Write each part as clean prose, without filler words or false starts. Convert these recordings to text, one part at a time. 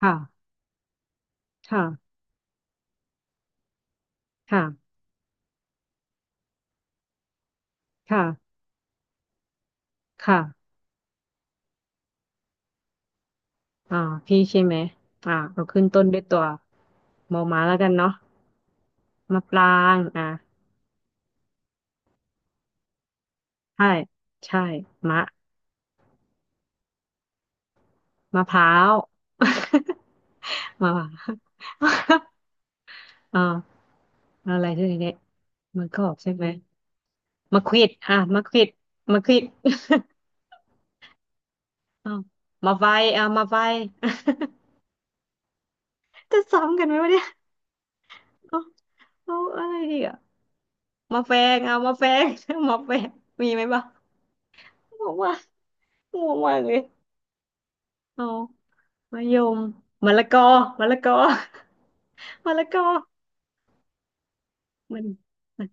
ค่ะค่ะค่ะค่ะค่ะอ่าพี่ใช่ไหม เราขึ้นต้นด้วยตัวมอม้าแล้วกันเนาะมะปรางใช่ใช่มะมะพร้าว มะพร้าว อ่าอะไรด้วยเนี่ยมันก็ออกใช่ไหมมะขวิดอ่ะมะขวิดมะขวิด อ้าวมาไฟอ่ะมาไฟ จะซ้ำกันไหมวะเนี่ยเอาเอาอะไรดีอ่ะมาแฟงเอามาแฟง มาแฟงมีไหมบ้างบอกว่า งงมากเลยเอามะยมมะละกอมะละกอ มะละกอมันมัน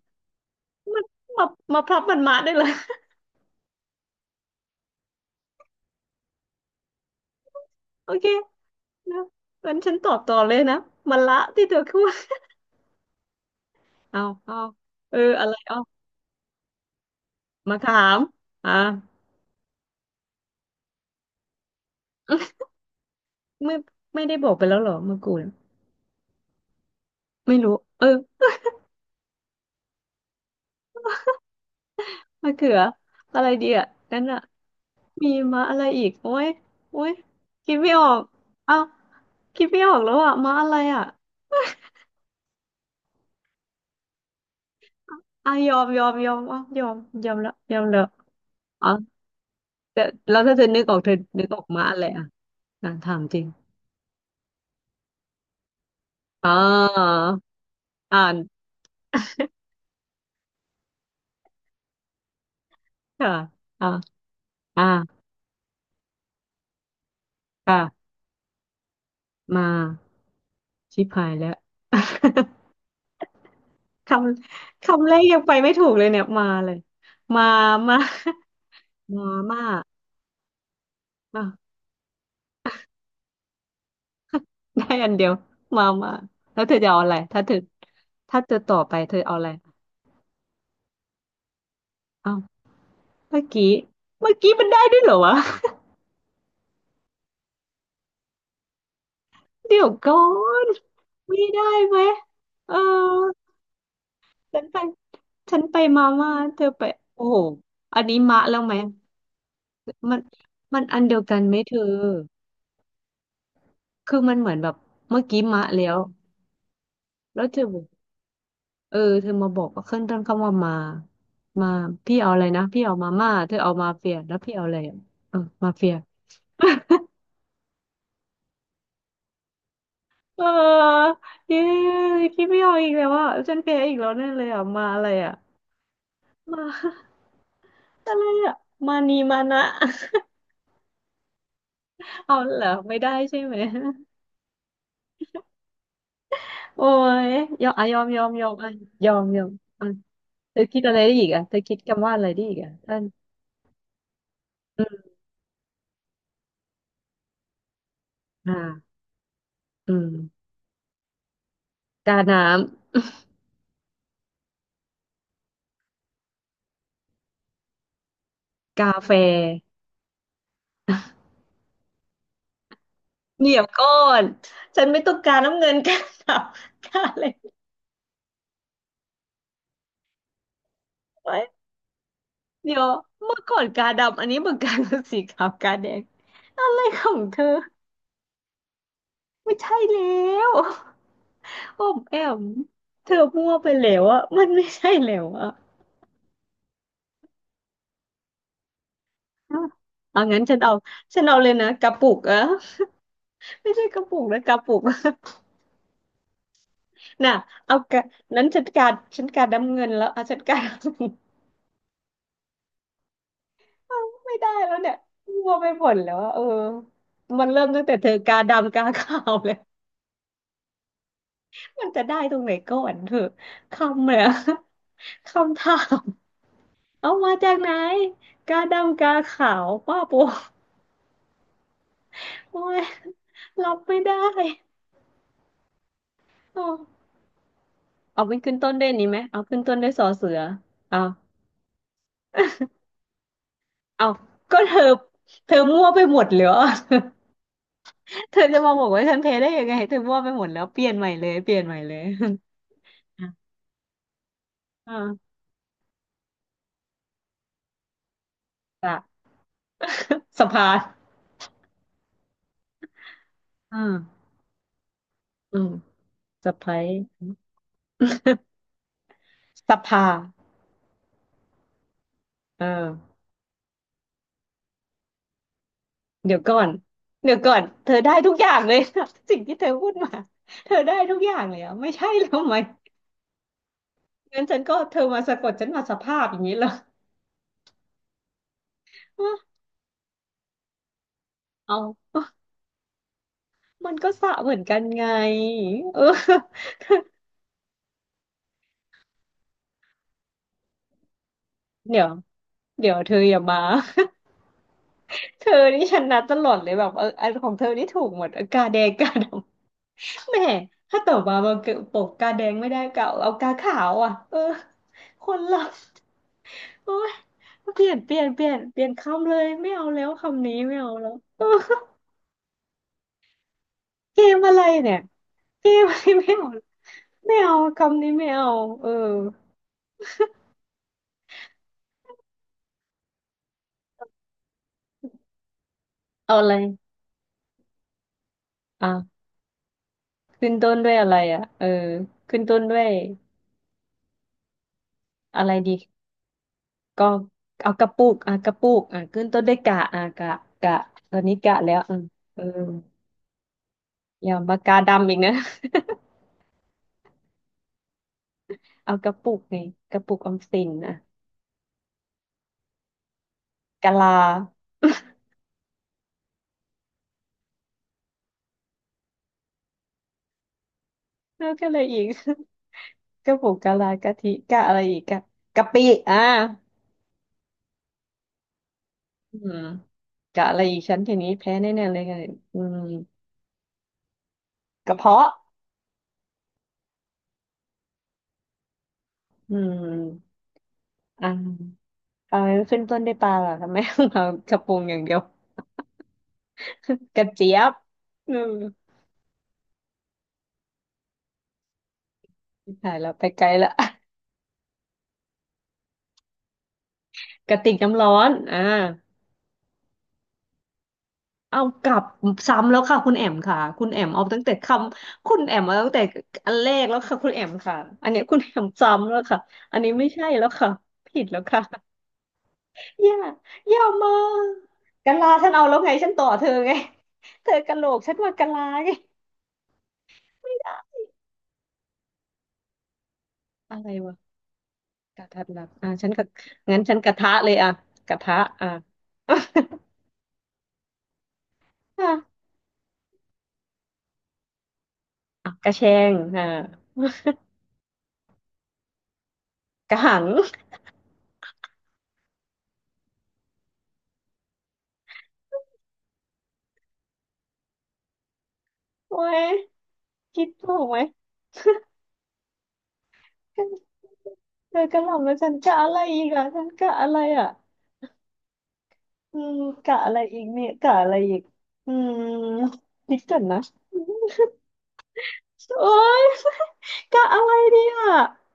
มันมามาพลับมันมาได้เลย โอเคนะงั้นฉันตอบต่อเลยนะมะละที่เธอพูด เอา เอา อะไรเอามะขามอ่า ไม่ไม่ได้บอกไปแล้วเหรอมะกรูดไม่รู้ เออมะเขืออะไรดีอ่ะนั่นอ่ะมีมาอะไรอีกโอ้ยโอ้ยคิดไม่ออกเอาคิดไม่ออกแล้วอ่ะมาอะไรอ่ะ อ่ะยอมยอมยอมอ่ะยอมยอมแล้วยอมแล้วอ๋อแต่แล้วถ้าเธอนึกออกเธอนึกออกมาอะไรอ่ะอ่ะถามจริงอ๋ออ่านค่ะอ่าอ่าค่ะมาชิบหายแล้ว คคำแรกยังไปไม่ถูกเลยเนี่ยมาเลยมามามามามาได้อันเดียวมาแล้วเธอจะเอาอะไรถ้าเธอต่อไปเธอเอาอะไรอ้าวเมื่อกี้เมื่อกี้มันได้ด้วยเหรอวะ เดี๋ยวก่อนไม่ได้ไหมเออฉันไปฉันไปมาม่าเธอไปโอ้โหอันนี้มะแล้วไหมมันมันอันเดียวกันไหมเธอคือมันเหมือนแบบเมื่อกี้มะแล้วแล้วเธอบอกเออเธอมาบอกว่าขึ้นต้นคำว่ามามาพี่เอาอะไรนะพี่เอามาม่าเธอเอามาเฟียแล้วพี่เอาอะไรอะเออมาเฟีย เออเย้พี่ไม่เอาอีกแล้วอ่ะฉันแพ้อีกแล้วแน่เลยอ่ะมาอะไรอ่ะมา อะไรอะมานีมานะ เอาเหรอไม่ได้ใช่ไหมโอ้ยยอมอะยอมยอมยอมอะยอมยอมอ่ะเธอคิดอะไรได้อีกอ่ะเธอคิดคำว่าอะไรได้อีกอ่ะท่านอืมอ่าอืมกาน้ำกาแฟ เดี๋ยวก่อนฉันไม่ต้องการน้ำเงิน กาดำกาอะไรไว้เดี๋ยวเมื่อก่อนกาดำอันนี้เมื่อ ก่อนสีขาวกาแดงอะไรของเธอไม่ใช่แล้ว อ้อมแอมเธอมั่วไปแล้วอะมันไม่ใช่แล้วอะเอางั้นฉันเอาฉันเอาเลยนะกระปุกอะไม่ใช่กระปุกนะกระปุก น่ะเอากระนั้นฉันการฉันการน้ำเงินแล้วเอาฉันการเอา ไม่ได้แล้วเนี่ยมั่วไปหมดแล้วอะเออมันเริ่มตั้งแต่เธอกาดำกาขาวเลยมันจะได้ตรงไหนก่อนเถอะคำเนี่ยคำถามเอามาจากไหนกาดำกาขาวป้าโปโอ้ยรับไม่ได้ โอ้เอาเป็นขึ้นต้นด้วยนี้ไหมเอาขึ้นต้นด้วยสอเสือเอาเอาก็เธอเธอมั่วไปหมดเลยอ่ะ เธอจะมาบอกว่าฉันเพ้ได้ยังไงเธอมั่วไปหมดแล้วเปลี่ยนใหม่เลยเปลี่ยนใหม่เลย อ่ะอ่าสะ สภาอ่าอืมสะไพร สภาเออเดี๋ยวก่อนเดี๋ยวก่อนเธอได้ทุกอย่างเลย สิ่งที่เธอพูดมาเธอได้ทุกอย่างเลยอ่ะไม่ใช่แล้วไหมงั้นฉันก็เธอมาสะกดฉันมาสภาพอย่างนี้เหรอเอา มันก็สระเหมือนกันไงเออ เดี๋ยวเดี๋ยวเธออย่ามา เธอนี่ชนะตลอดเลยแบบเอออันของเธอนี่ถูกหมดเออกาแดงกาดำ แหมถ้าต่อมามาเกิดปกกาแดงไม่ได้ก็เอาเอากาขาวอ่ะเออคนละโอ้ยเปลี่ยนเปลี่ยนเปลี่ยนเปลี่ยนคำเลยไม่เอาแล้วคำนี้ไม่เอาแล้ว เออเกมอะไรเนี่ยเกมอะไรไม่เอาไม่เอาคำนี้ไม่เอาเออเอาอะไรอ่ะ ขึ้นต้นด้วยอะไรอ่ะเออขึ้นต้นด้วยอะไรดีก็เอากระปุกอ่ะกระปุกอ่ะขึ้นต้นด้วยกะอ่ะกะตอนนี้กะแล้วอ่ะเอออย่าปากกาดำอีกนะ เอากระปุกไงกระปุกออมสินอ่ะกะลา แล้วก็อะไรอีก กระปุกกะลากะทิกะอะไรอีกกะกะปิอ่ะอืมกะอะไรอีกฉันทีนี้แพ้แน่ๆเลยไงอืมกระเพาะอืมอ่ะเออขึ้นต้นด้วยปลาเหรอทำไม เรากระปรุงอย่างเดียว กระเจี๊ยบอืมถ่ายแล้วไปไกลละ กระติกน้ำร้อนเอากลับซ้ำแล้วค่ะคุณแอมค่ะคุณแอมเอาตั้งแต่คำคุณแอมเอาตั้งแต่อันแรกแล้วค่ะคุณแอมค่ะอันเนี้ยคุณแอมซ้ำแล้วค่ะอันนี้ไม่ใช่แล้วค่ะผิดแล้วค่ะ อย่าอย่ามากะลาฉันเอาแล้วไงฉันต่อเธอไง เธอกะโหลกฉันว่ากะลาไงไม่ได้อะไรวะกะทัดรัดอ่ะฉันก็งั้นฉันกระทะเลยอ่ะกระทะอ่ะ กระแชงกระหังโอ้ยคิดถูกไหมเธอกระหล่ำแล้วฉันกะอะไรอีกอ่ะฉันกะอะไรอ่ะอืมกะอะไรอีกเนี่ยกะอะไรอีกอืมคิดก่อนนะโอ้ยกะอะไรดีอ่ะ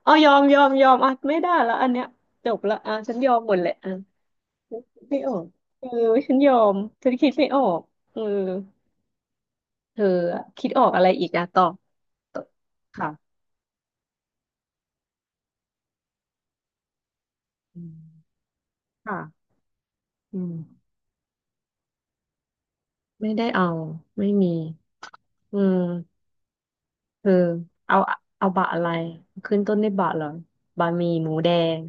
เอายอมยอมยอมอ่ะไม่ได้แล้วอันเนี้ยจบละอ่ะฉันยอมหมดแหละอ่ะคิดไม่ออกเออฉันยอมฉันคิดไม่ออกเออเธออะคิดออกอะไรอีกอ่ะตอบตอบค่ะอืมค่ะ อืมไม่ได้เอาไม่มีอืมเออเอาเอาบะอะไรขึ้นต้นด้วยบะเหรอบะหมี่หมูแดง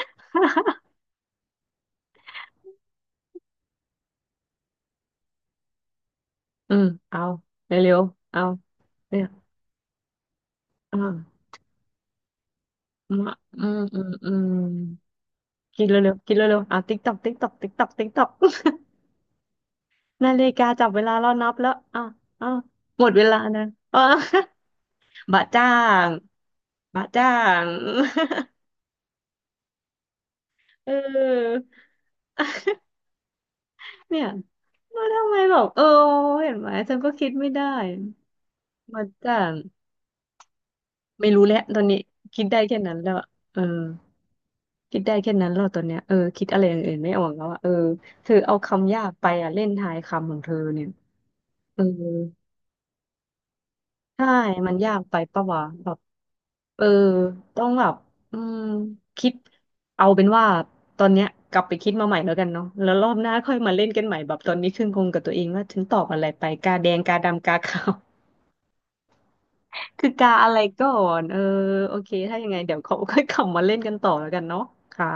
อืมเอาเร็วๆเอาเนี่ยอ่าอืมาอืมกินเร็วๆกินเร็วๆอ่ะติ๊กตอกติ๊กตอกติ๊กตอกติ๊กตอก นาฬิกาจับเวลาเรานับแล้วอ่ะอ่ะหมดเวลานะอ่ะ บะจ้างบะจ้าง เออ เนี่ย แล้ว่าทำไมแบบเออเห็นไหมฉันก็คิดไม่ได้มันจะไม่รู้แหละตอนนี้คิดได้แค่นั้นแล้วอะเออคิดได้แค่นั้นแล้วตอนเนี้ยเออคิดอะไรอย่างอื่นไม่ออกแล้วอะเออเธอเอาคำยากไปอะเล่นทายคำของเธอเนี่ยเออใช่มันยากไปปะวะแบบเออต้องแบบอืมคิดเอาเป็นว่าตอนเนี้ยกลับไปคิดมาใหม่แล้วกันเนาะแล้วรอบหน้าค่อยมาเล่นกันใหม่แบบตอนนี้ขึ้นคงกับตัวเองว่าฉันตอบอะไรไปกาแดงกาดำกาขาว คือกาอะไรก่อน เออ โอเค ถ้ายังไงเดี๋ยวเขา ค่อยกลับมาเล่นกันต่อแล้วกันเนาะค่ะ